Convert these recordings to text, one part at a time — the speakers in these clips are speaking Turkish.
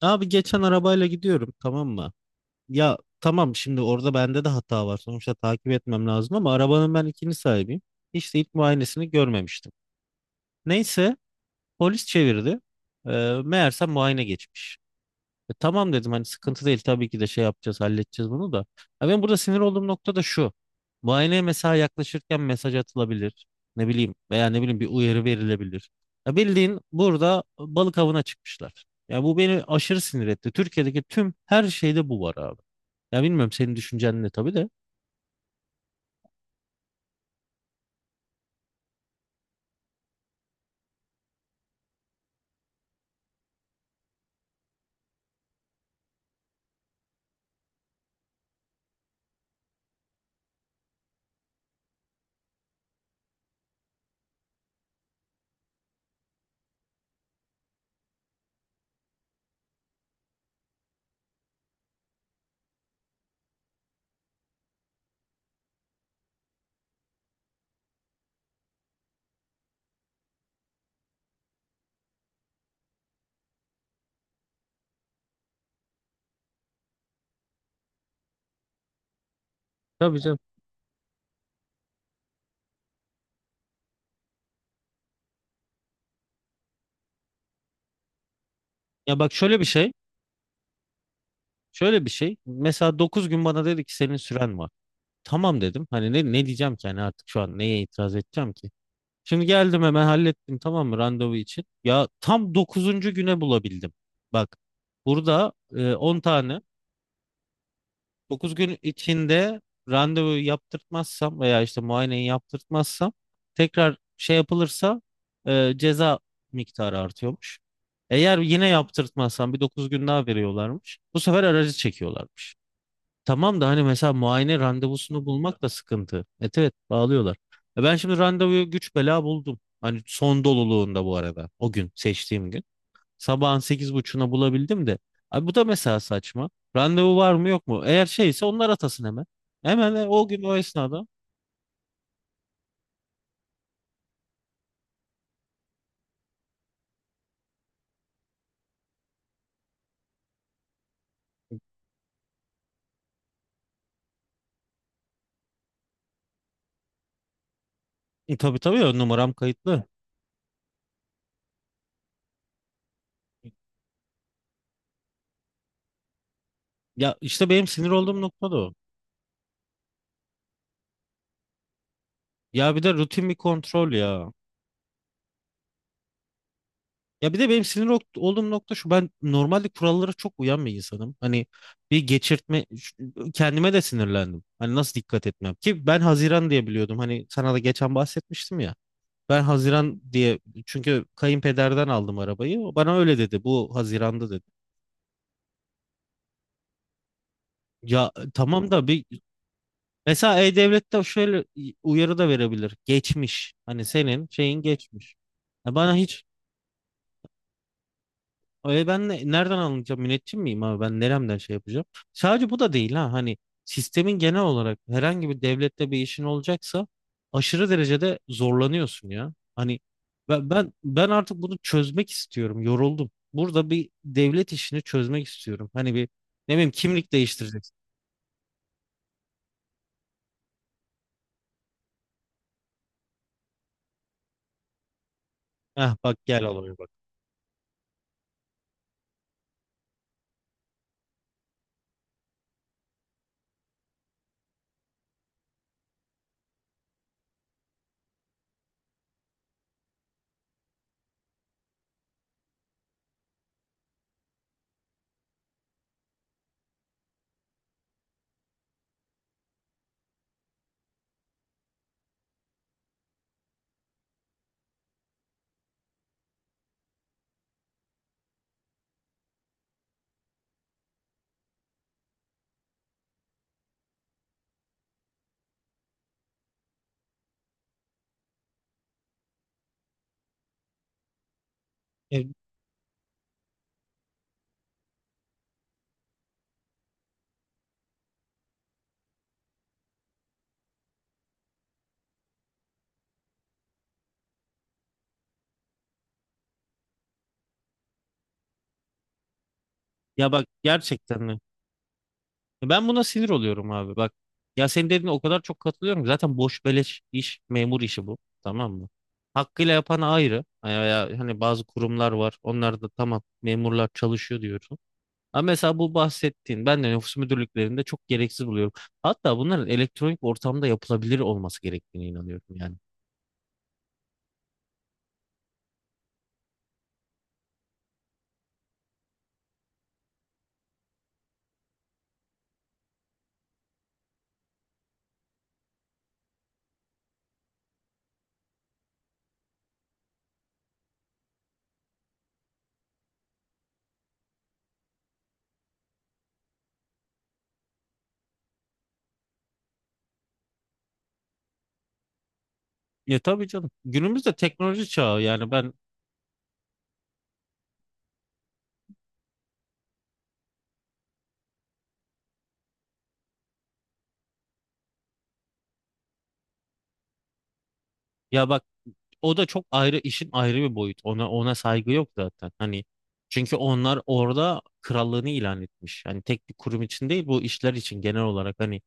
Abi geçen arabayla gidiyorum, tamam mı? Ya tamam, şimdi orada bende de hata var. Sonuçta takip etmem lazım ama arabanın ben ikinci sahibiyim. Hiç de ilk muayenesini görmemiştim. Neyse, polis çevirdi. Ee, Meğerse muayene geçmiş. Tamam dedim, hani sıkıntı değil, tabii ki de şey yapacağız, halledeceğiz bunu da. Ha, ben burada sinir olduğum nokta da şu. Muayeneye mesela yaklaşırken mesaj atılabilir. Ne bileyim, veya ne bileyim bir uyarı verilebilir. Ya bildiğin burada balık avına çıkmışlar. Ya bu beni aşırı sinir etti. Türkiye'deki tüm her şeyde bu var abi. Ya bilmiyorum, senin düşüncen ne tabii de. Tabii canım. Ya bak, şöyle bir şey. Şöyle bir şey. Mesela dokuz gün bana dedi ki senin süren var. Tamam dedim. Hani ne diyeceğim ki, hani artık şu an neye itiraz edeceğim ki? Şimdi geldim, hemen hallettim tamam mı, randevu için. Ya tam dokuzuncu güne bulabildim. Bak, burada 10 tane 9 gün içinde randevu yaptırtmazsam veya işte muayeneyi yaptırtmazsam, tekrar şey yapılırsa ceza miktarı artıyormuş. Eğer yine yaptırtmazsam bir 9 gün daha veriyorlarmış. Bu sefer aracı çekiyorlarmış. Tamam da hani mesela muayene randevusunu bulmak da sıkıntı. Evet evet, bağlıyorlar. Ben şimdi randevuyu güç bela buldum. Hani son doluluğunda bu arada, o gün seçtiğim gün. Sabahın sekiz buçuğuna bulabildim de. Abi, bu da mesela saçma. Randevu var mı yok mu? Eğer şeyse onlar atasın hemen. Hemen o gün, o esnada. Tabii tabii ya, numaram kayıtlı. Ya işte benim sinir olduğum nokta da o. Ya bir de rutin bir kontrol ya. Ya bir de benim sinir olduğum nokta şu, ben normalde kurallara çok uyan bir insanım. Hani bir geçirtme ş- kendime de sinirlendim. Hani nasıl dikkat etmem ki, ben Haziran diye biliyordum. Hani sana da geçen bahsetmiştim ya. Ben Haziran diye, çünkü kayınpederden aldım arabayı. O bana öyle dedi. Bu Haziran'da dedi. Ya tamam da bir, mesela E-Devlet'te şöyle uyarı da verebilir. Geçmiş. Hani senin şeyin geçmiş. Ya bana hiç. Ben nereden alınacağım? Müneccim miyim abi? Ben neremden şey yapacağım? Sadece bu da değil ha. Hani sistemin, genel olarak herhangi bir devlette bir işin olacaksa aşırı derecede zorlanıyorsun ya. Hani ben artık bunu çözmek istiyorum. Yoruldum. Burada bir devlet işini çözmek istiyorum. Hani bir, ne bileyim, kimlik değiştireceksin. Heh, bak, gel olaya bak. E, Ya bak, gerçekten mi? Ben buna sinir oluyorum abi, bak. Ya senin dediğine o kadar çok katılıyorum ki. Zaten boş beleş iş, memur işi bu. Tamam mı? Hakkıyla yapan ayrı. Hani veya hani bazı kurumlar var. Onlar da tamam, memurlar çalışıyor diyorsun. Ama mesela bu bahsettiğin, ben de nüfus müdürlüklerinde çok gereksiz buluyorum. Hatta bunların elektronik ortamda yapılabilir olması gerektiğine inanıyorum yani. Ya tabii canım. Günümüzde teknoloji çağı yani ben, ya bak, o da çok ayrı işin ayrı bir boyut. Ona saygı yok zaten. Hani çünkü onlar orada krallığını ilan etmiş. Hani tek bir kurum için değil, bu işler için genel olarak, hani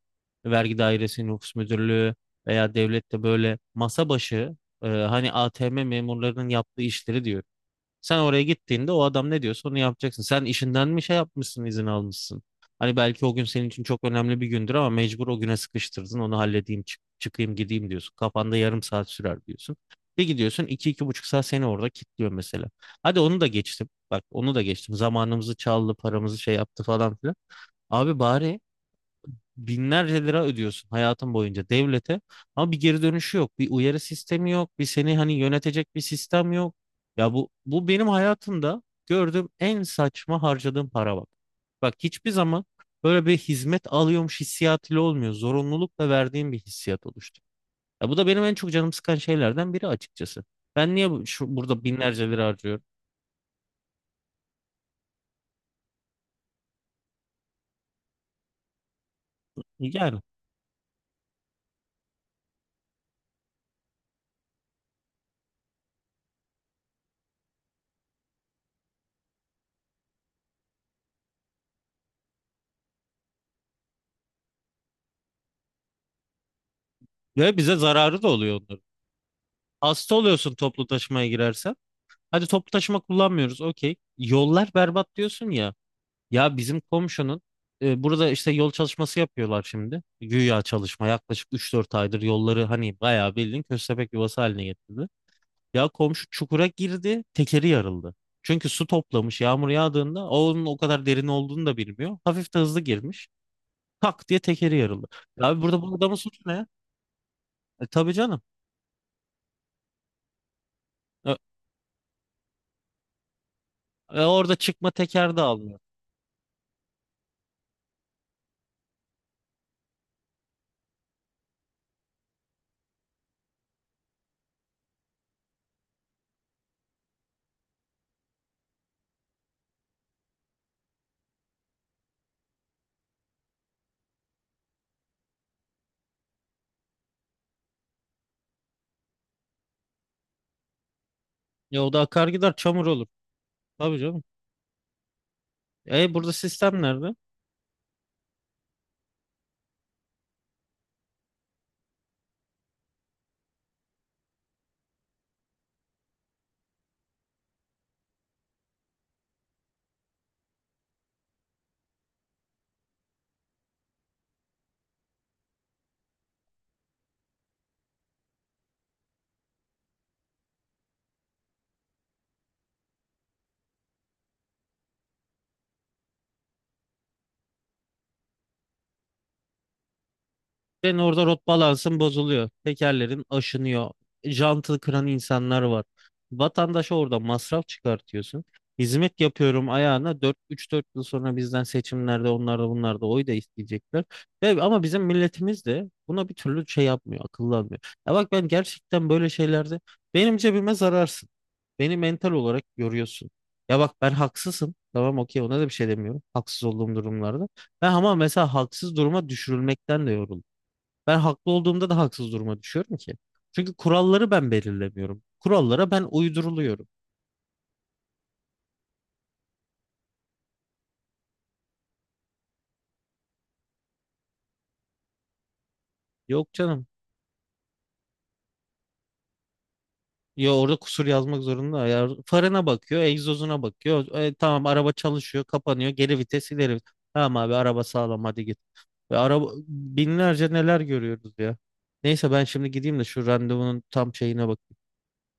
vergi dairesi, nüfus müdürlüğü veya devlette böyle masa başı hani ATM memurlarının yaptığı işleri diyor. Sen oraya gittiğinde o adam ne diyorsa onu yapacaksın. Sen işinden mi şey yapmışsın, izin almışsın? Hani belki o gün senin için çok önemli bir gündür ama mecbur o güne sıkıştırdın. Onu halledeyim, çıkayım, gideyim diyorsun. Kafanda yarım saat sürer diyorsun. Bir gidiyorsun, iki, iki buçuk saat seni orada kilitliyor mesela. Hadi onu da geçtim. Bak, onu da geçtim. Zamanımızı çaldı, paramızı şey yaptı falan filan. Abi, bari binlerce lira ödüyorsun hayatın boyunca devlete, ama bir geri dönüşü yok. Bir uyarı sistemi yok. Bir seni hani yönetecek bir sistem yok. Ya bu benim hayatımda gördüğüm en saçma harcadığım para bak. Bak, hiçbir zaman böyle bir hizmet alıyormuş hissiyatıyla olmuyor. Zorunlulukla verdiğim bir hissiyat oluştu. Ya bu da benim en çok canım sıkan şeylerden biri açıkçası. Ben niye şu, burada binlerce lira harcıyorum? Yani ve bize zararı da oluyor onların. Hasta oluyorsun toplu taşımaya girersen. Hadi toplu taşıma kullanmıyoruz. Okey. Yollar berbat diyorsun ya. Ya bizim komşunun burada işte yol çalışması yapıyorlar şimdi. Güya çalışma yaklaşık üç dört aydır yolları hani bayağı bildiğin köstebek yuvası haline getirdi. Ya komşu çukura girdi, tekeri yarıldı. Çünkü su toplamış yağmur yağdığında, o onun o kadar derin olduğunu da bilmiyor. Hafif de hızlı girmiş. Tak diye tekeri yarıldı. Ya abi, burada bu adamın suçu ne? Tabii canım. E, Orada çıkma teker de almıyor. Ya o da akar gider, çamur olur. Tabii canım. Burada sistem nerede? Ben orada rot balansın bozuluyor. Tekerlerin aşınıyor. Jantı kıran insanlar var. Vatandaşa orada masraf çıkartıyorsun. Hizmet yapıyorum ayağına, 4-3-4 yıl sonra bizden seçimlerde onlar da bunlar da oy da isteyecekler. Ve, ama bizim milletimiz de buna bir türlü şey yapmıyor, akıllanmıyor. Ya bak, ben gerçekten böyle şeylerde benim cebime zararsın. Beni mental olarak görüyorsun. Ya bak, ben haksızım. Tamam, okey, ona da bir şey demiyorum. Haksız olduğum durumlarda. Ben ama mesela haksız duruma düşürülmekten de yoruldum. Ben haklı olduğumda da haksız duruma düşüyorum ki. Çünkü kuralları ben belirlemiyorum. Kurallara ben uyduruluyorum. Yok canım. Ya orada kusur yazmak zorunda. Ya farına bakıyor, egzozuna bakıyor. Tamam, araba çalışıyor, kapanıyor. Geri vites, ileri vites. Tamam abi, araba sağlam, hadi git. Ve araba binlerce neler görüyoruz ya. Neyse, ben şimdi gideyim de şu randevunun tam şeyine bakayım.